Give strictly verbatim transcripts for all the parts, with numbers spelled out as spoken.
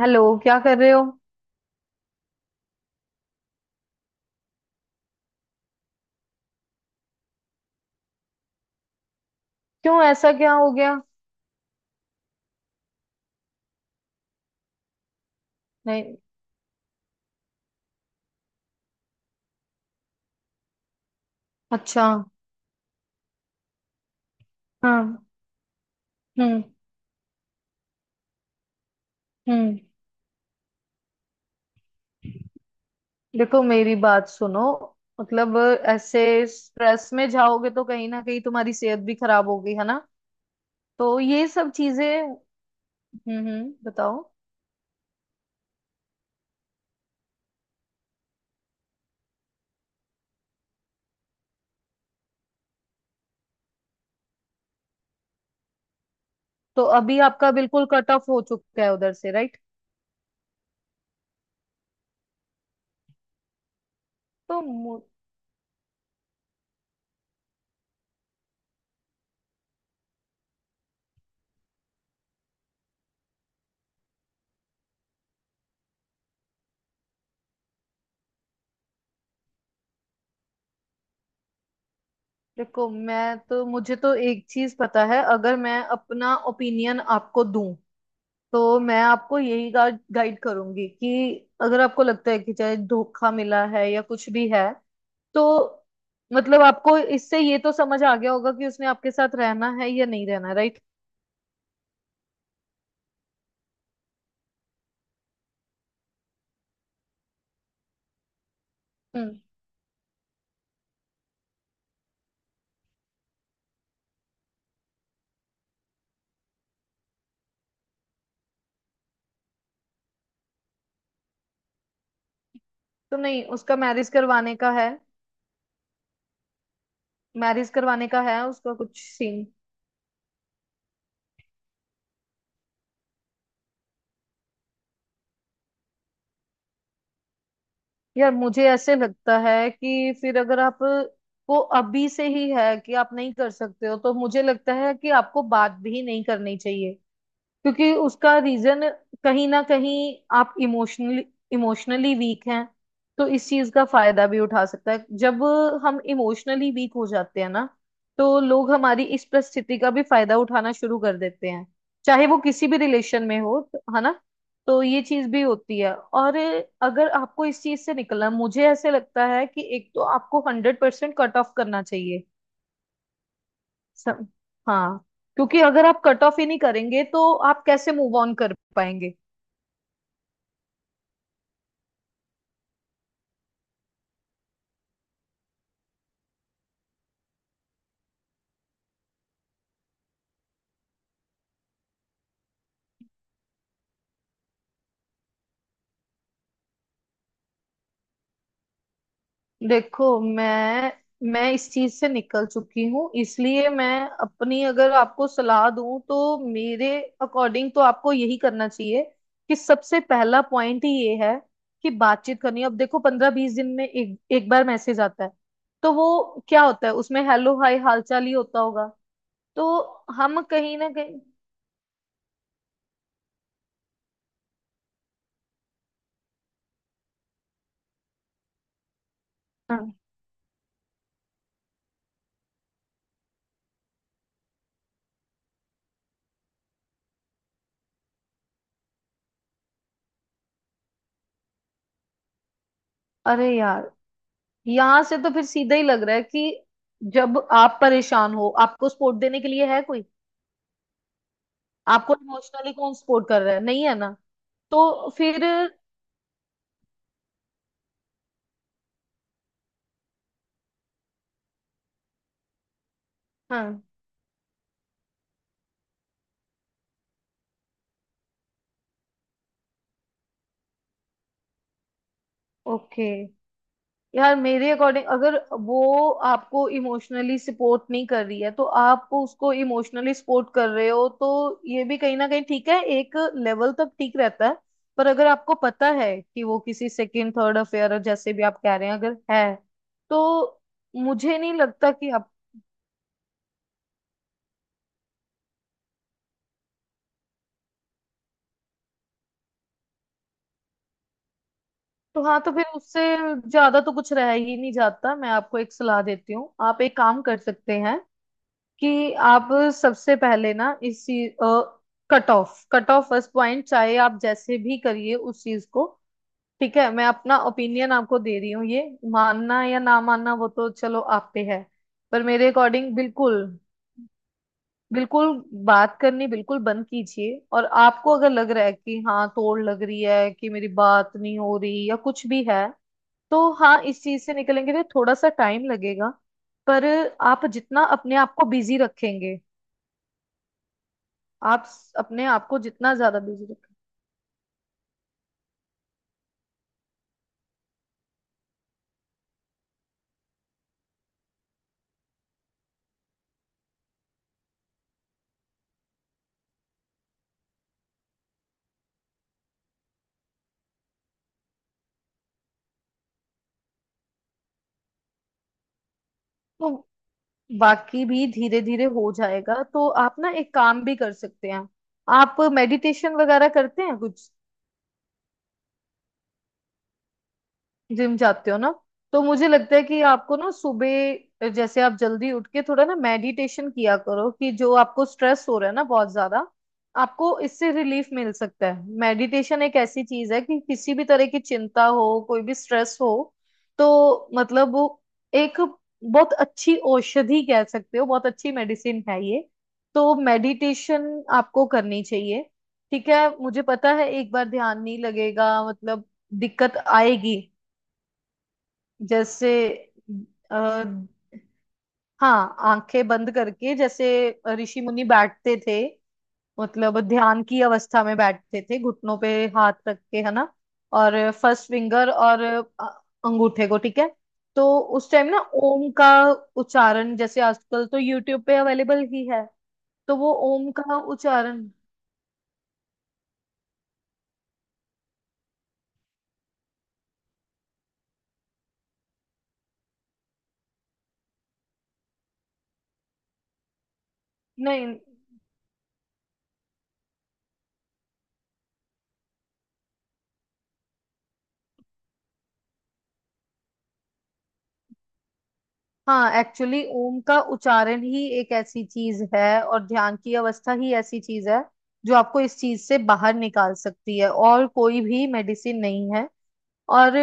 Hello, क्या कर रहे हो। क्यों, ऐसा क्या हो गया। नहीं। अच्छा। हाँ। हम्म हम्म देखो, मेरी बात सुनो। मतलब ऐसे स्ट्रेस में जाओगे तो कहीं ना कहीं तुम्हारी सेहत भी खराब होगी, है ना। तो ये सब चीजें। हम्म हम्म बताओ। तो अभी आपका बिल्कुल कट ऑफ हो चुका है उधर से, राइट। तो मु- देखो, मैं तो मुझे तो एक चीज पता है, अगर मैं अपना ओपिनियन आपको दूं, तो मैं आपको यही गाइड गाइड करूंगी कि अगर आपको लगता है कि चाहे धोखा मिला है या कुछ भी है, तो मतलब आपको इससे ये तो समझ आ गया होगा कि उसने आपके साथ रहना है या नहीं रहना, राइट। हम्म। तो नहीं, उसका मैरिज करवाने का है। मैरिज करवाने का है उसका कुछ सीन। यार, मुझे ऐसे लगता है कि फिर अगर आप को अभी से ही है कि आप नहीं कर सकते हो, तो मुझे लगता है कि आपको बात भी नहीं करनी चाहिए। क्योंकि उसका रीजन कहीं ना कहीं, आप इमोशनली इमोशनली वीक हैं, तो इस चीज का फायदा भी उठा सकता है। जब हम इमोशनली वीक हो जाते हैं ना, तो लोग हमारी इस परिस्थिति का भी फायदा उठाना शुरू कर देते हैं, चाहे वो किसी भी रिलेशन में हो तो- है ना। तो ये चीज भी होती है। और अगर आपको इस चीज से निकलना, मुझे ऐसे लगता है कि एक तो आपको हंड्रेड परसेंट कट ऑफ करना चाहिए सब। हाँ, क्योंकि अगर आप कट ऑफ ही नहीं करेंगे तो आप कैसे मूव ऑन कर पाएंगे। देखो मैं मैं इस चीज से निकल चुकी हूँ, इसलिए मैं अपनी, अगर आपको सलाह दूं, तो मेरे अकॉर्डिंग तो आपको यही करना चाहिए कि सबसे पहला पॉइंट ही ये है कि बातचीत करनी है। अब देखो, पंद्रह बीस दिन में एक एक बार मैसेज आता है, तो वो क्या होता है, उसमें हेलो हाय हालचाल ही होता होगा। तो हम कहीं ना कहीं। हाँ। अरे यार, यहां से तो फिर सीधा ही लग रहा है कि जब आप परेशान हो, आपको सपोर्ट देने के लिए है कोई। आपको इमोशनली कौन सपोर्ट कर रहा है, नहीं है ना। तो फिर। हाँ। ओके। यार, मेरे अकॉर्डिंग, अगर वो आपको इमोशनली सपोर्ट नहीं कर रही है तो आप उसको इमोशनली सपोर्ट कर रहे हो, तो ये भी कहीं ना कहीं ठीक है, एक लेवल तक ठीक रहता है। पर अगर आपको पता है कि वो किसी सेकंड थर्ड अफेयर, जैसे भी आप कह रहे हैं, अगर है, तो मुझे नहीं लगता कि। तो हाँ, तो फिर उससे ज्यादा तो कुछ रह ही नहीं जाता। मैं आपको एक सलाह देती हूँ, आप एक काम कर सकते हैं कि आप सबसे पहले ना इस चीज, cut off cut off first point, चाहे आप जैसे भी करिए उस चीज को। ठीक है, मैं अपना ओपिनियन आपको दे रही हूँ, ये मानना या ना मानना वो तो चलो आप पे है। पर मेरे अकॉर्डिंग, बिल्कुल बिल्कुल बात करनी बिल्कुल बंद कीजिए। और आपको अगर लग रहा है कि हाँ, तोड़ लग रही है कि मेरी बात नहीं हो रही या कुछ भी है, तो हाँ, इस चीज से निकलेंगे तो थोड़ा सा टाइम लगेगा। पर आप जितना अपने आप को बिजी रखेंगे, आप स- अपने आप को जितना ज्यादा बिजी रखेंगे, तो बाकी भी धीरे धीरे हो जाएगा। तो आप ना एक काम भी कर सकते हैं, आप मेडिटेशन वगैरह करते हैं कुछ। जिम जाते हो ना, तो मुझे लगता है कि आपको ना सुबह जैसे आप जल्दी उठ के थोड़ा ना मेडिटेशन किया करो, कि जो आपको स्ट्रेस हो रहा है ना बहुत ज्यादा, आपको इससे रिलीफ मिल सकता है। मेडिटेशन एक ऐसी चीज है कि किसी भी तरह की चिंता हो, कोई भी स्ट्रेस हो, तो मतलब वो एक बहुत अच्छी औषधि कह सकते हो, बहुत अच्छी मेडिसिन है ये। तो मेडिटेशन आपको करनी चाहिए। ठीक है, मुझे पता है एक बार ध्यान नहीं लगेगा, मतलब दिक्कत आएगी। जैसे अ, हाँ, आंखें बंद करके जैसे ऋषि मुनि बैठते थे, मतलब ध्यान की अवस्था में बैठते थे, घुटनों पे हाथ रख के, है ना। और फर्स्ट फिंगर और अ, अंगूठे को, ठीक है। तो उस टाइम ना ओम का उच्चारण, जैसे आजकल तो यूट्यूब पे अवेलेबल ही है, तो वो ओम का उच्चारण। नहीं। हाँ, एक्चुअली ओम का उच्चारण ही एक ऐसी चीज है और ध्यान की अवस्था ही ऐसी चीज है जो आपको इस चीज से बाहर निकाल सकती है, और कोई भी मेडिसिन नहीं है। और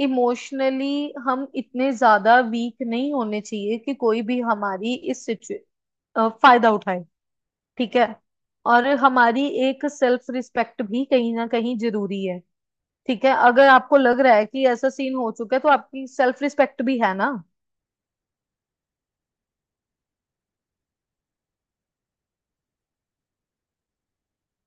इमोशनली हम इतने ज्यादा वीक नहीं होने चाहिए कि कोई भी हमारी इस सिचु अ, फायदा उठाए। ठीक है। और हमारी एक सेल्फ रिस्पेक्ट भी कहीं ना कहीं जरूरी है। ठीक है, अगर आपको लग रहा है कि ऐसा सीन हो चुका है तो आपकी सेल्फ रिस्पेक्ट भी है ना।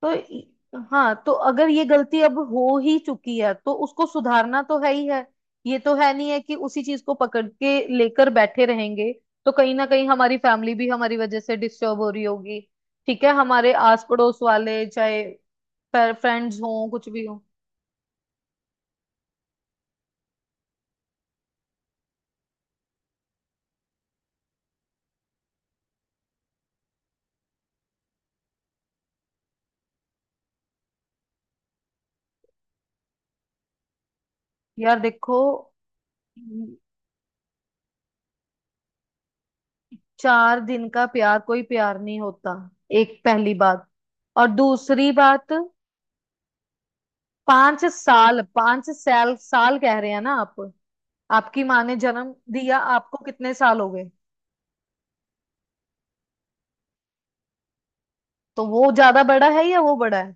तो इ- हाँ, तो अगर ये गलती अब हो ही चुकी है तो उसको सुधारना तो है ही है। ये तो है नहीं है कि उसी चीज को पकड़ के लेकर बैठे रहेंगे। तो कहीं ना कहीं हमारी फैमिली भी हमारी वजह से डिस्टर्ब हो रही होगी। ठीक है, हमारे आस पड़ोस वाले, चाहे फ्रेंड्स हों कुछ भी हो। यार देखो, चार दिन का प्यार कोई प्यार नहीं होता, एक पहली बात। और दूसरी बात, पांच साल पांच साल साल कह रहे हैं ना आप। आपकी माँ ने जन्म दिया आपको, कितने साल हो गए। तो वो ज्यादा बड़ा है या वो बड़ा है।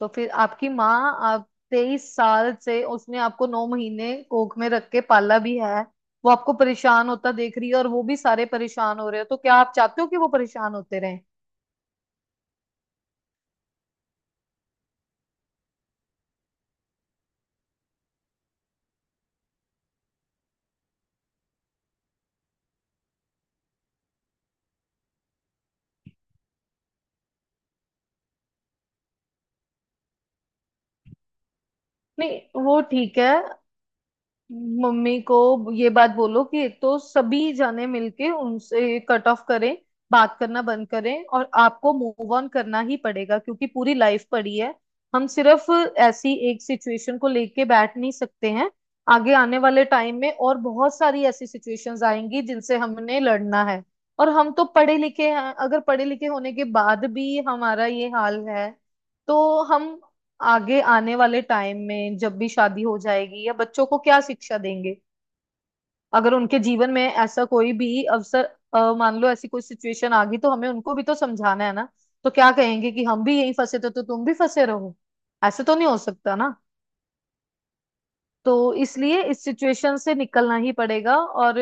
तो फिर आपकी माँ, आप तेईस साल से, उसने आपको नौ महीने कोख में रख के पाला भी है। वो आपको परेशान होता देख रही है और वो भी सारे परेशान हो रहे हो, तो क्या आप चाहते हो कि वो परेशान होते रहें। नहीं, वो ठीक है। मम्मी को ये बात बोलो कि एक तो सभी जाने मिलके उनसे कट ऑफ करें, बात करना बंद करें। और आपको मूव ऑन करना ही पड़ेगा, क्योंकि पूरी लाइफ पड़ी है। हम सिर्फ ऐसी एक सिचुएशन को लेके बैठ नहीं सकते हैं। आगे आने वाले टाइम में और बहुत सारी ऐसी सिचुएशंस आएंगी जिनसे हमने लड़ना है। और हम तो पढ़े लिखे हैं, अगर पढ़े लिखे होने के बाद भी हमारा ये हाल है, तो हम आगे आने वाले टाइम में जब भी शादी हो जाएगी या बच्चों को क्या शिक्षा देंगे, अगर उनके जीवन में ऐसा कोई भी अवसर, अ, मान लो ऐसी कोई सिचुएशन आ गई, तो हमें उनको भी तो समझाना है ना। तो क्या कहेंगे कि हम भी यहीं फंसे थे तो तुम भी फंसे रहो, ऐसे तो नहीं हो सकता ना। तो इसलिए इस सिचुएशन से निकलना ही पड़ेगा। और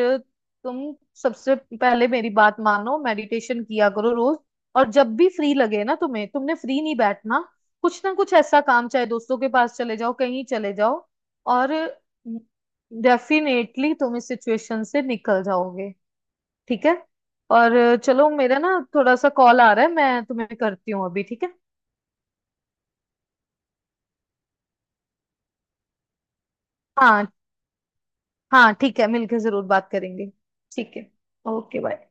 तुम सबसे पहले मेरी बात मानो, मेडिटेशन किया करो रोज। और जब भी फ्री लगे ना तुम्हें, तुमने फ्री नहीं बैठना, कुछ ना कुछ ऐसा काम, चाहे दोस्तों के पास चले जाओ, कहीं चले जाओ। और डेफिनेटली तुम इस सिचुएशन से निकल जाओगे, ठीक है। और चलो, मेरा ना थोड़ा सा कॉल आ रहा है, मैं तुम्हें करती हूँ अभी, ठीक है। हाँ हाँ, ठीक है, मिलकर जरूर बात करेंगे। ठीक है, ओके, बाय।